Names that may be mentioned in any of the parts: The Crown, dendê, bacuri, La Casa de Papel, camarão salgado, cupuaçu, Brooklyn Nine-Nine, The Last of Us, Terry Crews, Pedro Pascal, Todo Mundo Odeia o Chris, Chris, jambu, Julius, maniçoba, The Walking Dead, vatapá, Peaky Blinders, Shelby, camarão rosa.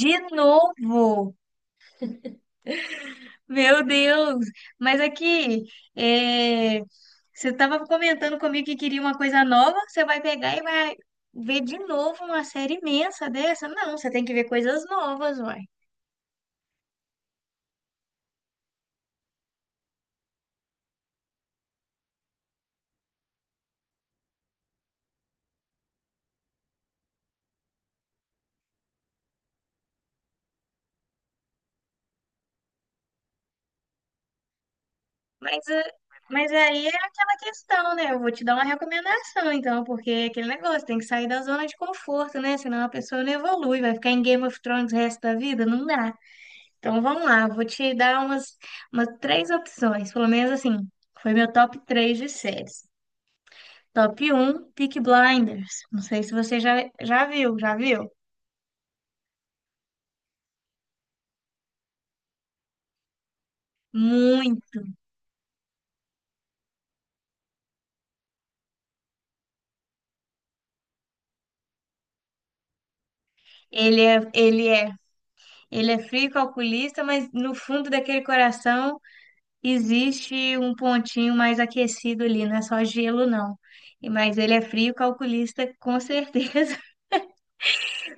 De novo? Meu Deus! Mas aqui, é, você estava comentando comigo que queria uma coisa nova, você vai pegar e vai ver de novo uma série imensa dessa? Não, você tem que ver coisas novas, uai. Mas, é, mas aí é aquela questão, né? Eu vou te dar uma recomendação, então, porque é aquele negócio, tem que sair da zona de conforto, né? Senão a pessoa não evolui, vai ficar em Game of Thrones o resto da vida? Não dá. Então vamos lá, vou te dar umas três opções, pelo menos assim, foi meu top 3 de séries. Top um, Peaky Blinders. Não sei se você já viu? Muito. Ele é, ele é, ele é frio calculista, mas no fundo daquele coração existe um pontinho mais aquecido ali, não é só gelo, não. Mas ele é frio calculista, com certeza.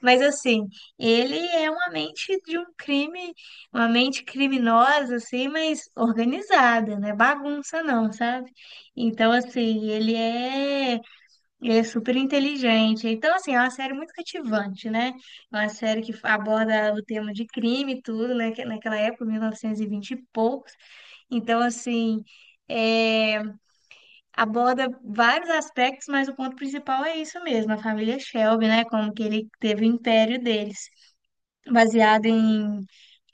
Mas assim, ele é uma mente de um crime, uma mente criminosa, assim, mas organizada, não é bagunça não, sabe? Então, assim, ele é super inteligente. Então, assim, é uma série muito cativante, né? É uma série que aborda o tema de crime e tudo, né, que naquela época, 1920 e vinte e poucos. Então, assim, é, aborda vários aspectos, mas o ponto principal é isso mesmo, a família Shelby, né? Como que ele teve o império deles baseado em.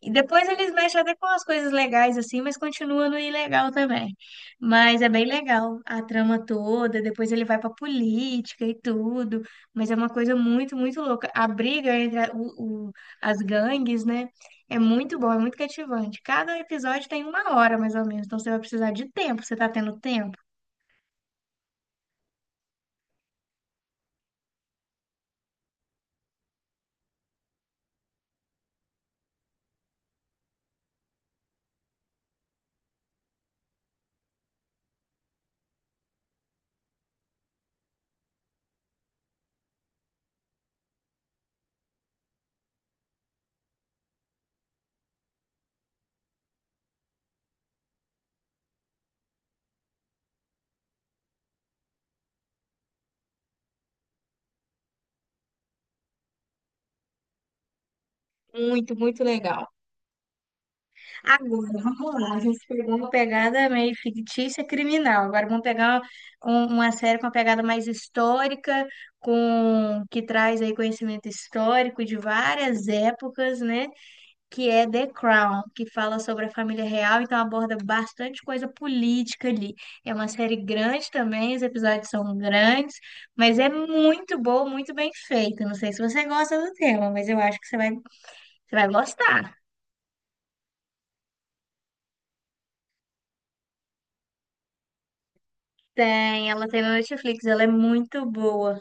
E depois eles mexem até com as coisas legais, assim, mas continua no ilegal também. Mas é bem legal a trama toda, depois ele vai pra política e tudo, mas é uma coisa muito, muito louca. A briga entre as gangues, né? É muito bom, é muito cativante. Cada episódio tem uma hora, mais ou menos, então você vai precisar de tempo, você tá tendo tempo? Muito, muito legal. Agora, vamos lá. A gente pegou uma pegada meio fictícia, criminal. Agora vamos pegar uma série com uma pegada mais histórica, com que traz aí conhecimento histórico de várias épocas, né? Que é The Crown, que fala sobre a família real, então aborda bastante coisa política ali. É uma série grande também, os episódios são grandes, mas é muito boa, muito bem feita. Não sei se você gosta do tema, mas eu acho que você vai gostar. Tem, ela tem na Netflix, ela é muito boa.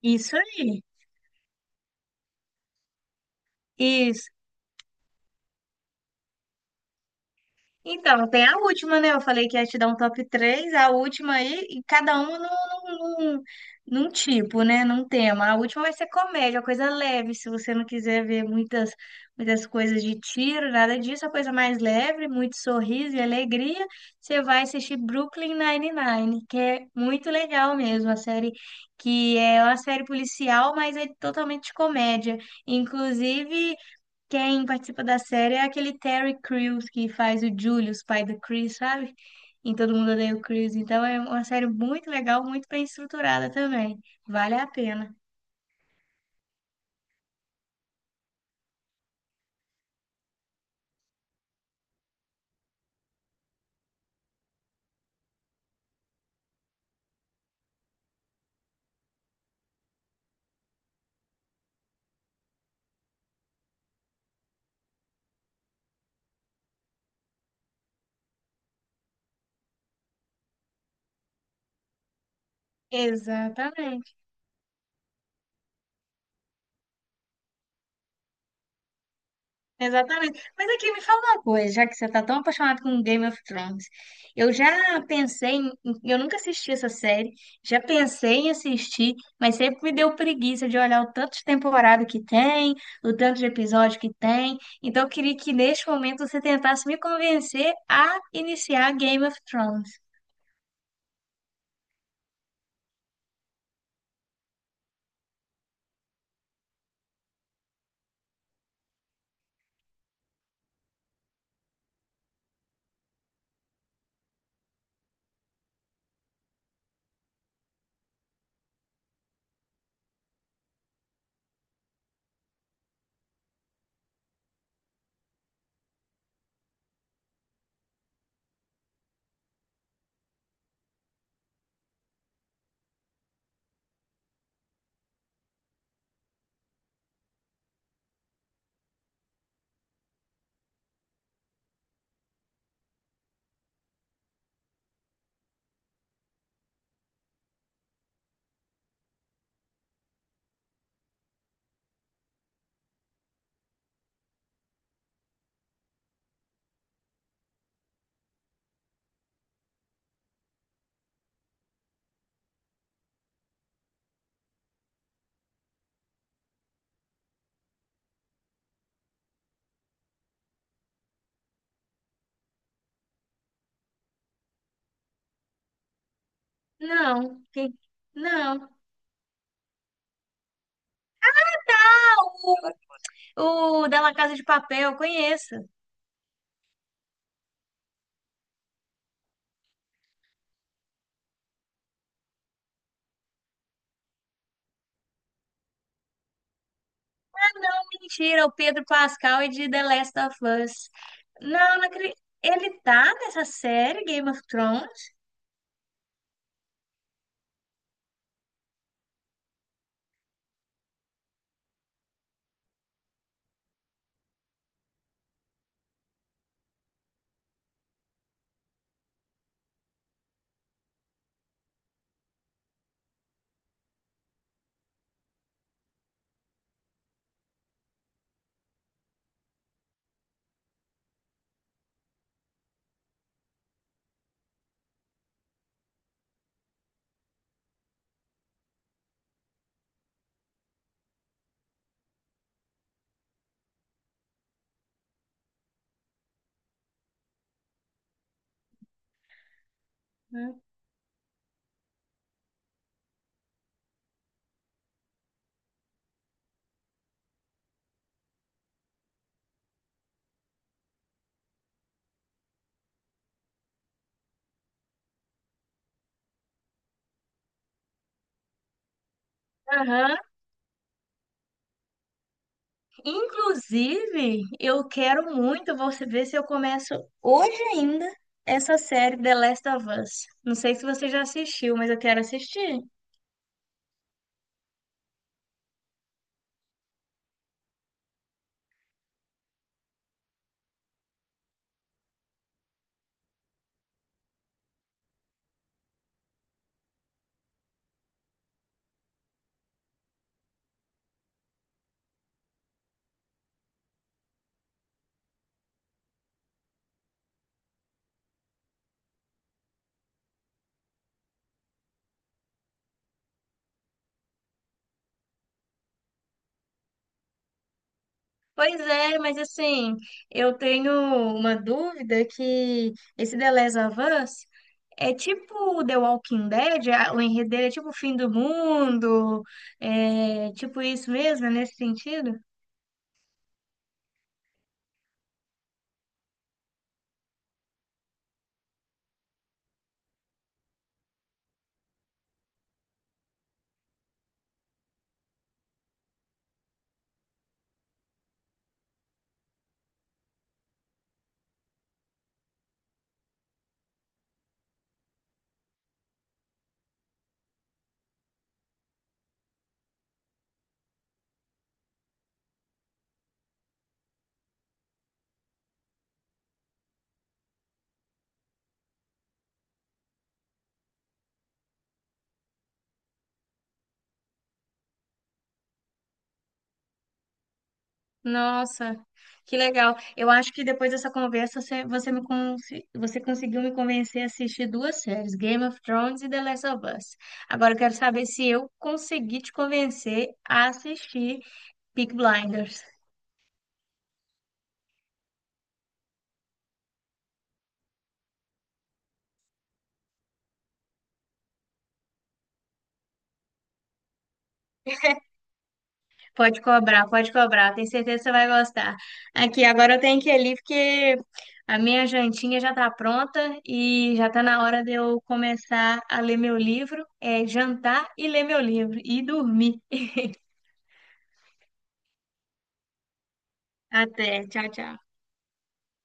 Isso aí. Isso. Então, tem a última, né? Eu falei que ia te dar um top três, a última aí, e cada uma num tipo, né? Num tema. A última vai ser comédia, coisa leve, se você não quiser ver muitas coisas de tiro, nada disso, a coisa mais leve, muito sorriso e alegria, você vai assistir Brooklyn Nine-Nine, que é muito legal mesmo, a série, que é uma série policial, mas é totalmente de comédia. Inclusive, quem participa da série é aquele Terry Crews que faz o Julius, pai do Chris, sabe? Em Todo Mundo Odeia o Chris. Então é uma série muito legal, muito bem estruturada também. Vale a pena. Exatamente. Exatamente. Mas aqui me fala uma coisa, já que você tá tão apaixonado com Game of Thrones. Eu já pensei em, eu nunca assisti essa série, já pensei em assistir, mas sempre me deu preguiça de olhar o tanto de temporada que tem, o tanto de episódio que tem. Então eu queria que neste momento você tentasse me convencer a iniciar Game of Thrones. Não, que- não. Ah, o da La Casa de Papel, eu conheço. Mentira, o Pedro Pascal e de The Last of Us. Não, não acredito. Ele tá nessa série Game of Thrones? Hum. Aham. Inclusive, eu quero muito, vou ver se eu começo hoje ainda essa série The Last of Us. Não sei se você já assistiu, mas eu quero assistir. Pois é, mas assim, eu tenho uma dúvida, que esse The Last of Us é tipo The Walking Dead, o enredo dele é tipo o fim do mundo, é tipo isso mesmo, é nesse sentido? Nossa, que legal. Eu acho que depois dessa conversa você conseguiu me convencer a assistir duas séries, Game of Thrones e The Last of Us. Agora eu quero saber se eu consegui te convencer a assistir Peaky Blinders. Pode cobrar, pode cobrar. Tenho certeza que você vai gostar. Aqui, agora eu tenho que ir ali porque a minha jantinha já está pronta e já está na hora de eu começar a ler meu livro, é jantar e ler meu livro e dormir. Até, tchau, tchau.